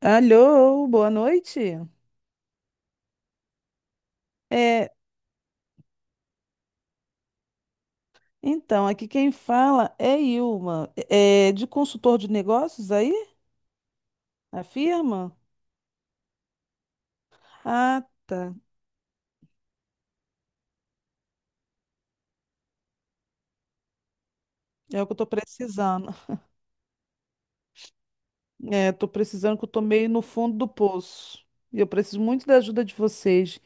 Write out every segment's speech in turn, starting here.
Alô, boa noite. É, então, aqui quem fala é Ilma, é de consultor de negócios aí, a firma? Ah, tá. É o que eu tô precisando. É, tô precisando que eu tô meio no fundo do poço. E eu preciso muito da ajuda de vocês.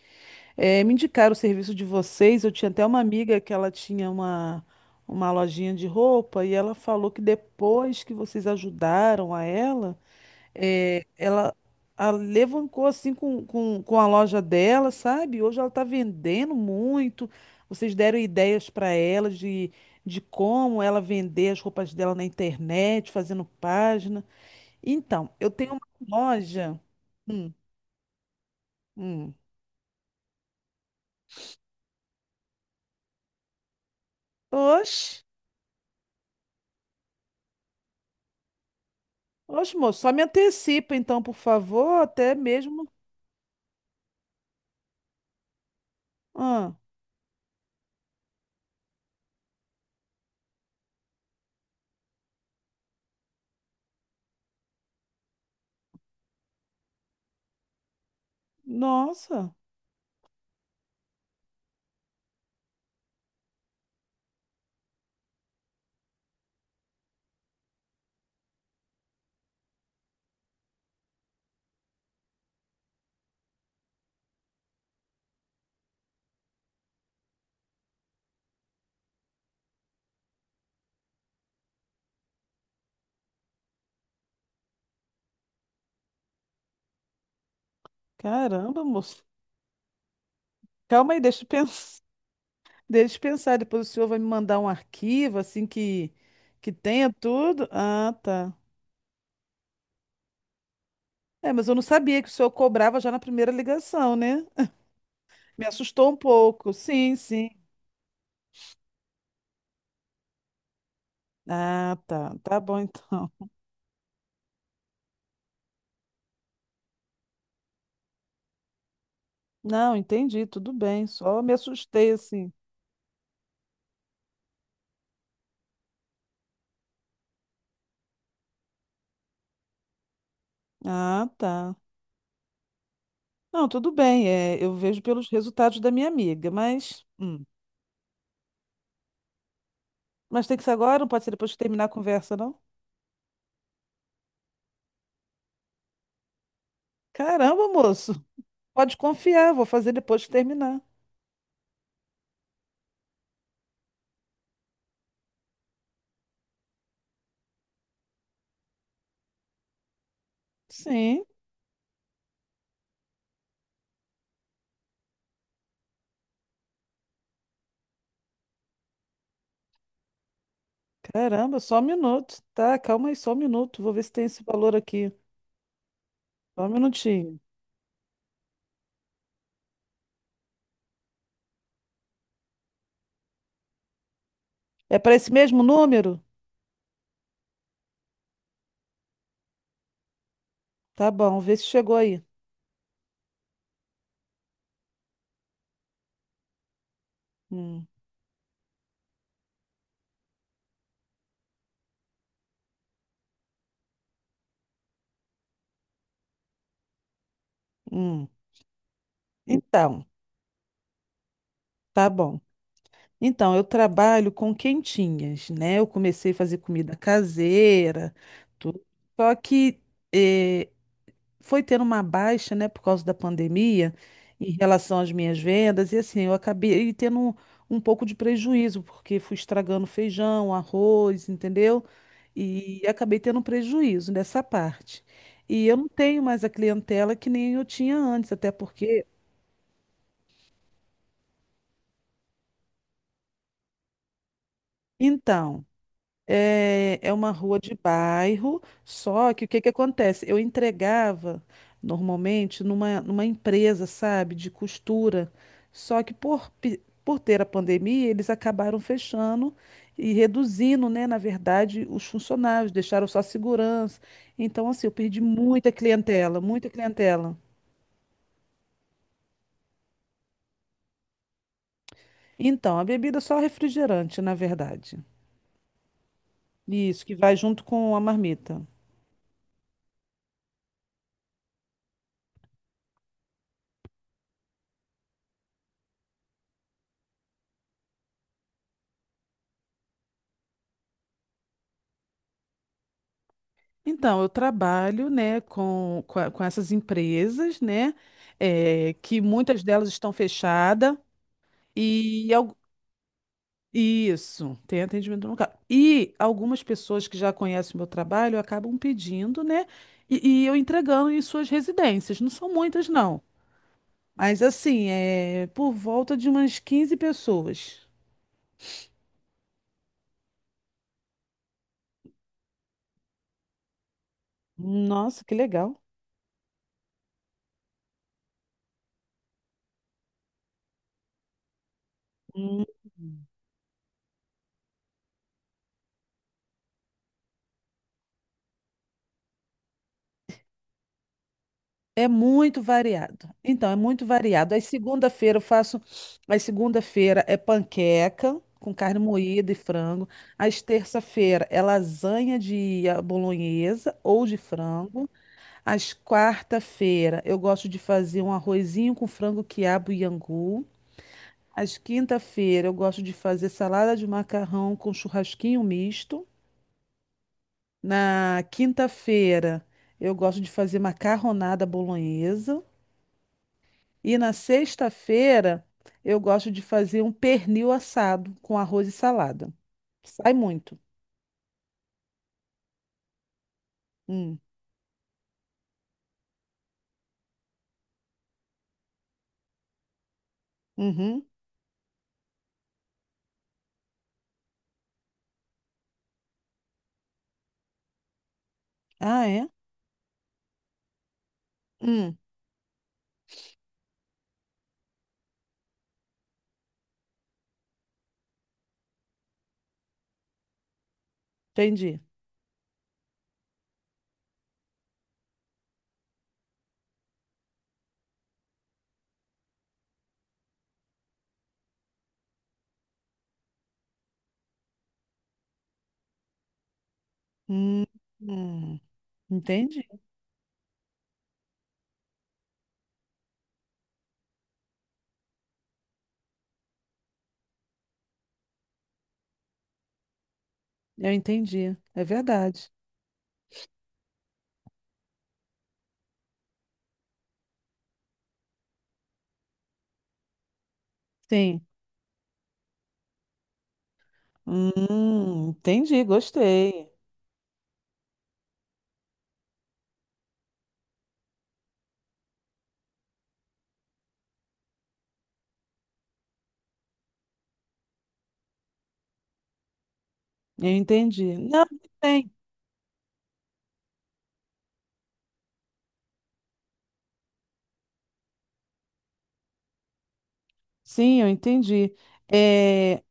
É, me indicaram o serviço de vocês. Eu tinha até uma amiga que ela tinha uma lojinha de roupa e ela falou que depois que vocês ajudaram a ela. É, ela alavancou assim com a loja dela, sabe? Hoje ela está vendendo muito. Vocês deram ideias para ela de como ela vender as roupas dela na internet, fazendo página. Então, eu tenho uma loja. Hum, hum. Oxe, moço, só me antecipa então, por favor, até mesmo. Ah, nossa, caramba, moço. Calma aí, deixa eu pensar. Deixa eu pensar, depois o senhor vai me mandar um arquivo assim que tenha tudo. Ah, tá. É, mas eu não sabia que o senhor cobrava já na primeira ligação, né? Me assustou um pouco. Sim, sim. Ah, tá. Tá bom então. Não, entendi, tudo bem. Só me assustei assim. Ah, tá. Não, tudo bem. É, eu vejo pelos resultados da minha amiga, mas. Mas tem que ser agora, não pode ser depois que terminar a conversa, não? Caramba, moço. Pode confiar, vou fazer depois que terminar. Sim. Caramba, só um minuto. Tá, calma aí, só um minuto. Vou ver se tem esse valor aqui. Só um minutinho. É para esse mesmo número? Tá bom, vê se chegou aí. Hum, hum. Então, tá bom. Então, eu trabalho com quentinhas, né? Eu comecei a fazer comida caseira, tudo. Só que eh, foi tendo uma baixa, né, por causa da pandemia, em relação às minhas vendas, e assim, eu acabei tendo um pouco de prejuízo, porque fui estragando feijão, arroz, entendeu? E acabei tendo um prejuízo nessa parte. E eu não tenho mais a clientela que nem eu tinha antes, até porque. Então, é, é uma rua de bairro, só que o que que acontece? Eu entregava normalmente numa empresa, sabe, de costura. Só que por ter a pandemia, eles acabaram fechando e reduzindo, né, na verdade, os funcionários, deixaram só a segurança. Então, assim, eu perdi muita clientela, muita clientela. Então, a bebida é só refrigerante, na verdade. Isso, que vai junto com a marmita. Então, eu trabalho, né, com essas empresas, né, é, que muitas delas estão fechadas e isso, tem atendimento no carro. E algumas pessoas que já conhecem o meu trabalho acabam pedindo, né, e eu entregando em suas residências. Não são muitas, não. Mas assim, é por volta de umas 15 pessoas. Nossa, que legal. É muito variado. Então, é muito variado. Aí segunda-feira eu faço. Aí segunda-feira é panqueca com carne moída e frango. Às terça-feira é lasanha de bolonhesa ou de frango. Às quarta-feira eu gosto de fazer um arrozinho com frango, quiabo e angu. Às quinta-feira eu gosto de fazer salada de macarrão com churrasquinho misto. Na quinta-feira eu gosto de fazer macarronada bolonhesa. E na sexta-feira eu gosto de fazer um pernil assado com arroz e salada. Sai muito. Hum. Uhum. Ah, é? Hum. Entendi. Hum. Hum. Entendi. Eu entendi. É verdade. Sim. Hum. Entendi. Gostei. Eu entendi. Não, tem. Sim, eu entendi. É...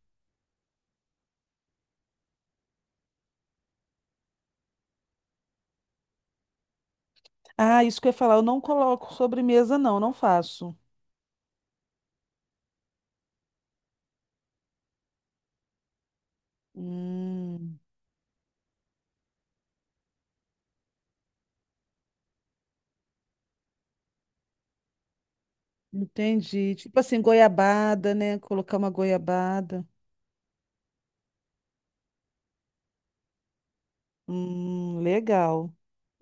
Ah, isso que eu ia falar, eu não coloco sobremesa, não, não faço. Hum. Entendi. Tipo assim, goiabada, né? Colocar uma goiabada. Legal.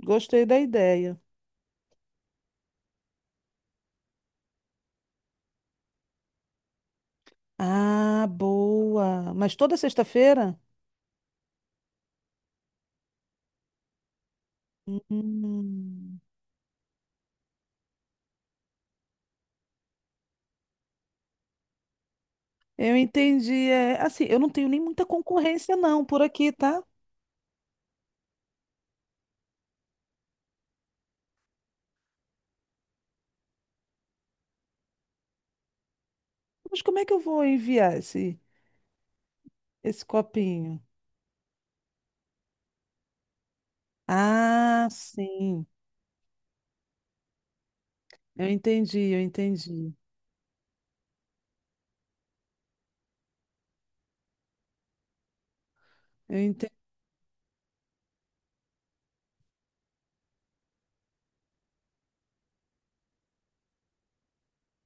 Gostei da ideia. Ah, boa. Mas toda sexta-feira? Hum, eu entendi. É, assim, eu não tenho nem muita concorrência não por aqui, tá? Mas como é que eu vou enviar esse copinho? Ah, sim. Eu entendi. Eu entendi.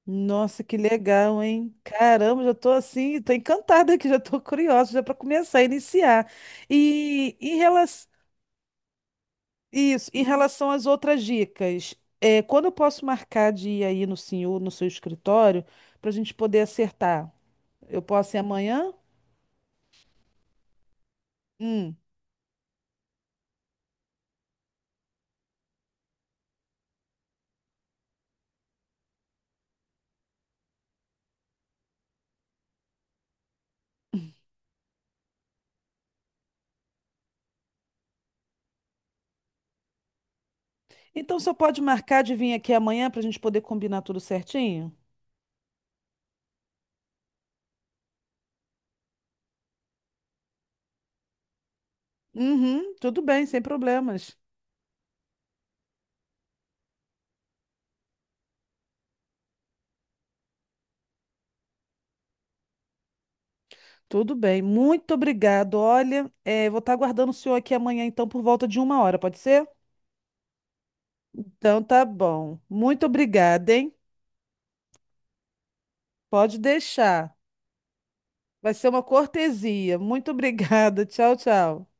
Nossa, que legal, hein? Caramba, já tô assim, tô encantada aqui, já tô curiosa, já para começar a iniciar. E em relação, isso, em relação às outras dicas, é, quando eu posso marcar de ir aí no senhor, no seu escritório, para a gente poder acertar? Eu posso ir amanhã? Hum. Então só pode marcar de vir aqui amanhã para a gente poder combinar tudo certinho? Uhum, tudo bem, sem problemas. Tudo bem, muito obrigado. Olha, vou estar aguardando o senhor aqui amanhã, então, por volta de uma hora, pode ser? Então tá bom. Muito obrigada, hein? Pode deixar. Vai ser uma cortesia. Muito obrigada. Tchau, tchau.